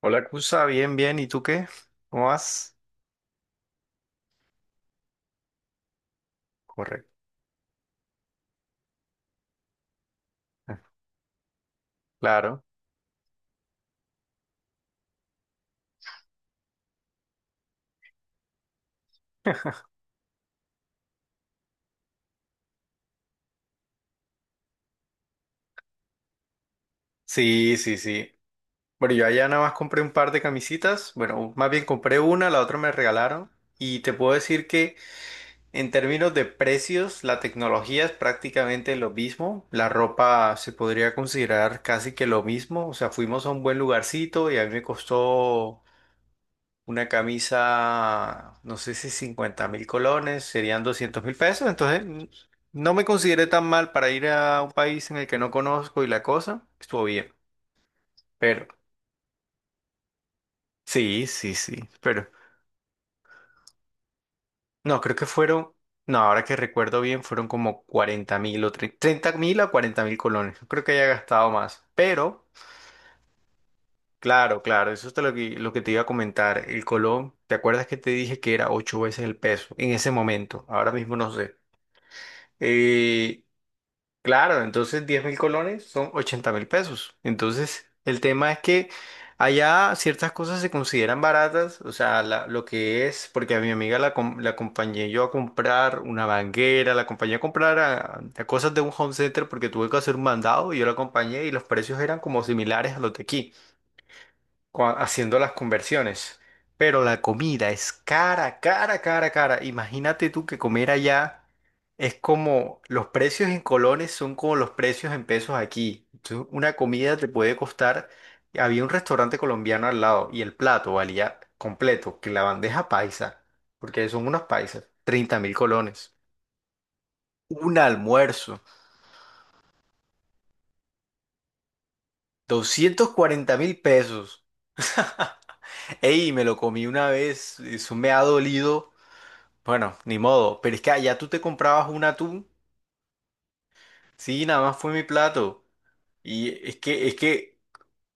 Hola, Cusa, bien, bien. ¿Y tú qué? ¿Cómo vas? Correcto. Ah, claro. Sí, sí, sí. Bueno, yo allá nada más compré un par de camisitas. Bueno, más bien compré una, la otra me regalaron. Y te puedo decir que en términos de precios, la tecnología es prácticamente lo mismo. La ropa se podría considerar casi que lo mismo. O sea, fuimos a un buen lugarcito y a mí me costó una camisa, no sé si 50.000 colones, serían 200.000 pesos. Entonces, no me consideré tan mal para ir a un país en el que no conozco y la cosa estuvo bien. Pero, sí, sí, sí. Pero, no, creo que fueron, no, ahora que recuerdo bien, fueron como 40.000 o 30.000 a 40.000 colones. No creo que haya gastado más. Pero, claro, claro, eso es lo que, te iba a comentar. El colón, ¿te acuerdas que te dije que era ocho veces el peso en ese momento? Ahora mismo no sé. Eh, Claro, entonces 10.000 colones son 80.000 pesos. Entonces, el tema es que allá ciertas cosas se consideran baratas, o sea, lo que es, porque a mi amiga la acompañé yo a comprar una banguera, la acompañé a comprar a cosas de un home center porque tuve que hacer un mandado y yo la acompañé y los precios eran como similares a los de aquí haciendo las conversiones. Pero la comida es cara, cara, cara, cara. Imagínate tú que comer allá es como los precios en colones son como los precios en pesos aquí. Entonces, una comida te puede costar. Había un restaurante colombiano al lado y el plato valía completo, que la bandeja paisa, porque son unos paisas, 30.000 colones. Un almuerzo, 240.000 pesos. Ey, me lo comí una vez, eso me ha dolido. Bueno, ni modo, pero es que allá tú te comprabas un atún, sí, nada más fue mi plato. Y es que,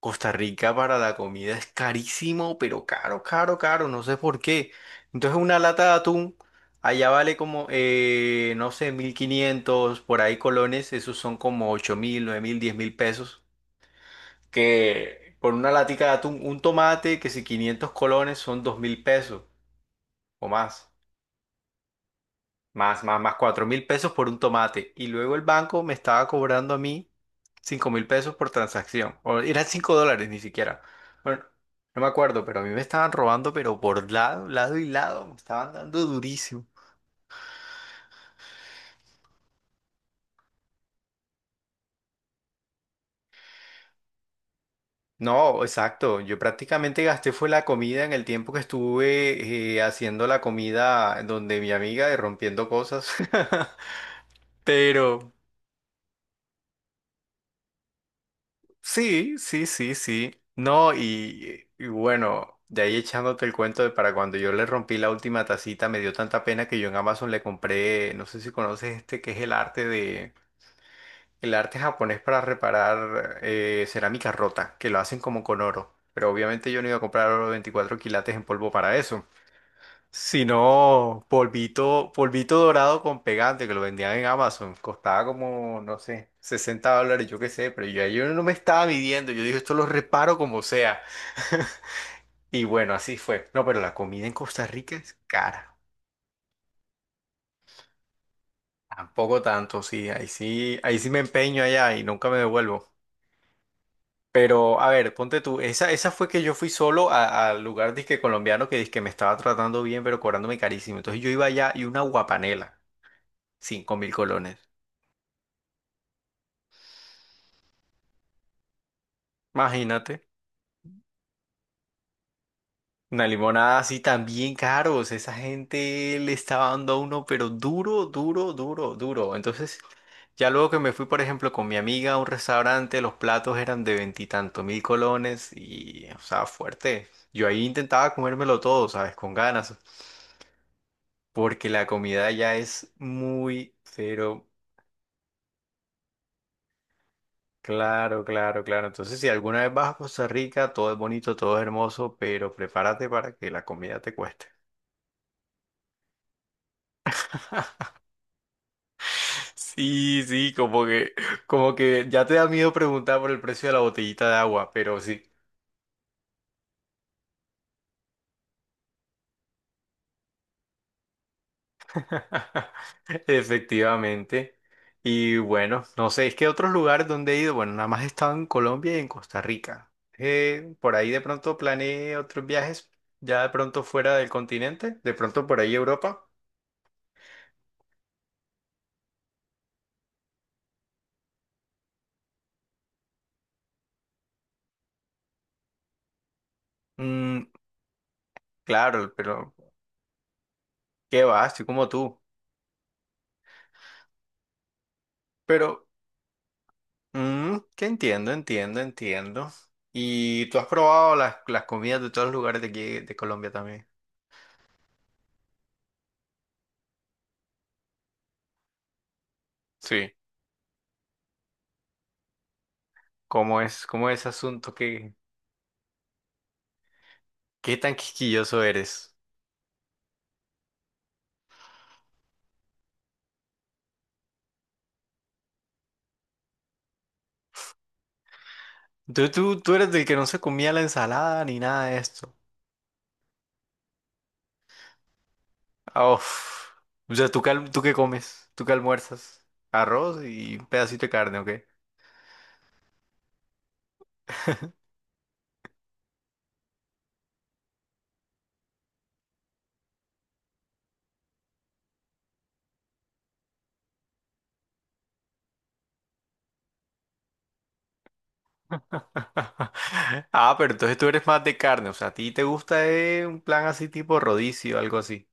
Costa Rica para la comida es carísimo, pero caro, caro, caro, no sé por qué. Entonces una lata de atún allá vale como, no sé, 1.500 por ahí colones, esos son como 8.000, 9.000, 10.000 pesos. Que por una latica de atún, un tomate, que si 500 colones son 2.000 pesos o más. Más, más, más, 4.000 pesos por un tomate. Y luego el banco me estaba cobrando a mí 5.000 pesos por transacción. O eran 5 dólares ni siquiera. Bueno, no me acuerdo, pero a mí me estaban robando, pero por lado, lado y lado. Me estaban dando durísimo. No, exacto. Yo prácticamente gasté fue la comida en el tiempo que estuve haciendo la comida donde mi amiga y rompiendo cosas. Pero, sí, sí, sí, sí. No, y bueno, de ahí echándote el cuento de para cuando yo le rompí la última tacita, me dio tanta pena que yo en Amazon le compré, no sé si conoces este, que es el arte japonés para reparar cerámica rota, que lo hacen como con oro. Pero obviamente yo no iba a comprar oro de 24 quilates en polvo para eso. Si no, polvito, polvito dorado con pegante que lo vendían en Amazon, costaba como, no sé, 60 dólares, yo qué sé, pero yo no me estaba midiendo, yo dije, esto lo reparo como sea. Y bueno, así fue. No, pero la comida en Costa Rica es cara. Tampoco tanto, sí. Ahí sí, ahí sí me empeño allá y nunca me devuelvo. Pero, a ver, ponte tú. Esa fue que yo fui solo al lugar disque colombiano que me estaba tratando bien, pero cobrándome carísimo. Entonces yo iba allá y una guapanela, 5.000 colones. Imagínate, una limonada así también caros. Esa gente le estaba dando a uno, pero duro, duro, duro, duro. Entonces, ya luego que me fui, por ejemplo, con mi amiga a un restaurante, los platos eran de veintitantos mil colones y, o sea, fuerte. Yo ahí intentaba comérmelo todo, ¿sabes? Con ganas, porque la comida ya es muy, pero claro, claro, claro. Entonces, si alguna vez vas a Costa Rica, todo es bonito, todo es hermoso, pero prepárate para que la comida te cueste. Sí, sí, como que, ya te da miedo preguntar por el precio de la botellita de agua, pero sí. Efectivamente. Y bueno, no sé, es que otros lugares donde he ido, bueno, nada más he estado en Colombia y en Costa Rica. Por ahí de pronto planeé otros viajes, ya de pronto fuera del continente, de pronto por ahí Europa. Mm, claro, pero qué va, estoy como tú. Pero, que entiendo, entiendo, entiendo. ¿Y tú has probado las, comidas de todos los lugares de aquí, de Colombia también? Sí. ¿Cómo es, ese asunto? ¿Qué tan quisquilloso eres? Tú eres del que no se comía la ensalada ni nada de esto. Ah, uf. O sea, tú qué comes? ¿Tú qué almuerzas? Arroz y un pedacito de carne, ¿ok? Ah, pero entonces tú eres más de carne. O sea, ¿a ti te gusta un plan así tipo rodicio, algo así?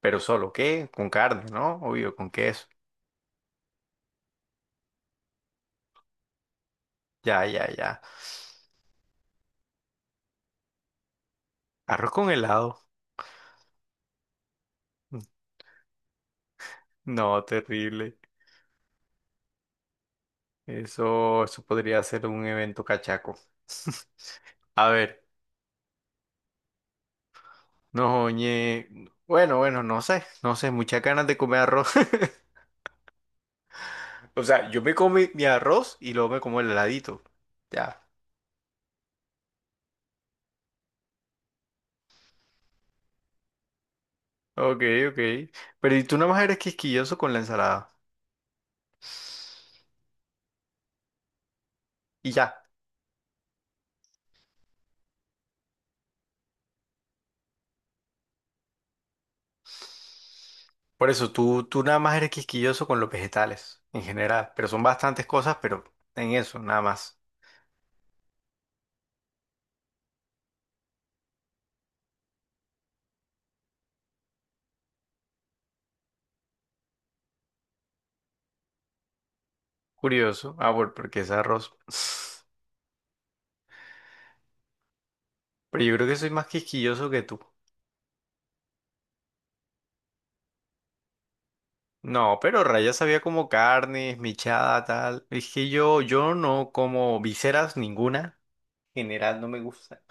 Pero solo, ¿qué? Con carne, ¿no? Obvio, con queso. Ya, ya, ya. Arroz con helado. Mm, No, terrible. Eso podría ser un evento cachaco. A ver, no, oye. Bueno, bueno, no sé, no sé, muchas ganas de comer arroz. O sea, yo me como mi arroz y luego me como el heladito. Ya. Ok, ok. Pero y tú nada más eres quisquilloso con la ensalada. Y ya. Por eso, tú nada más eres quisquilloso con los vegetales en general, pero son bastantes cosas, pero en eso, nada más. Curioso. Ah, bueno, porque es arroz. Pero yo creo que soy más quisquilloso que tú. No, pero Raya sabía como carnes, michada, tal. Es que yo no como viseras ninguna. En general no me gusta.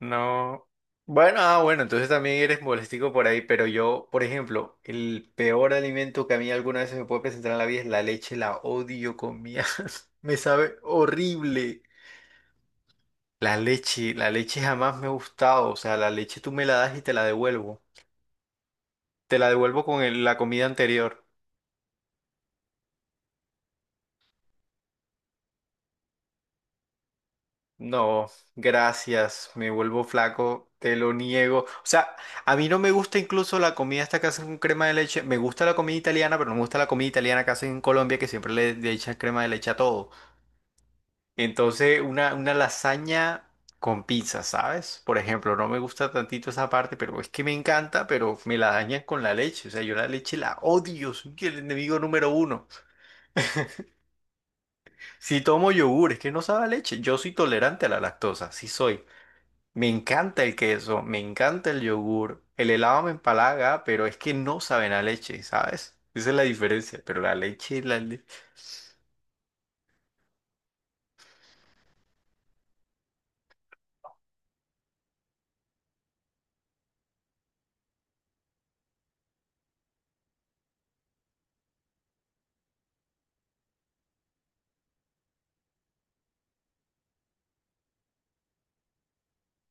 No. Bueno, ah, bueno, entonces también eres molestico por ahí, pero yo, por ejemplo, el peor alimento que a mí alguna vez se me puede presentar en la vida es la leche, la odio con mi alma. Me sabe horrible. La leche jamás me ha gustado, o sea, la leche tú me la das y te la devuelvo. Te la devuelvo con la comida anterior. No, gracias, me vuelvo flaco, te lo niego. O sea, a mí no me gusta incluso la comida esta que hacen con crema de leche. Me gusta la comida italiana, pero no me gusta la comida italiana que hacen en Colombia, que siempre le echan crema de leche a todo. Entonces, una lasaña con pizza, ¿sabes? Por ejemplo, no me gusta tantito esa parte, pero es que me encanta, pero me la dañan con la leche. O sea, yo la leche la odio, soy el enemigo número uno. Si tomo yogur, es que no sabe a leche. Yo soy tolerante a la lactosa, sí soy. Me encanta el queso, me encanta el yogur, el helado me empalaga, pero es que no saben a leche, ¿sabes? Esa es la diferencia, pero la leche, la leche.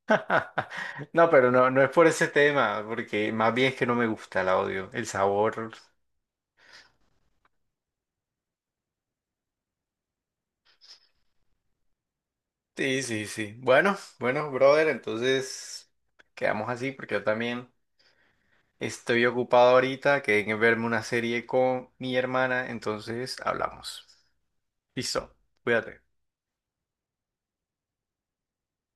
No, pero no, no es por ese tema, porque más bien es que no me gusta, la odio, el sabor. Sí, sí, sí. Bueno, bueno, brother, entonces quedamos así, porque yo también estoy ocupado ahorita, que en verme una serie con mi hermana, entonces hablamos. Listo, cuídate.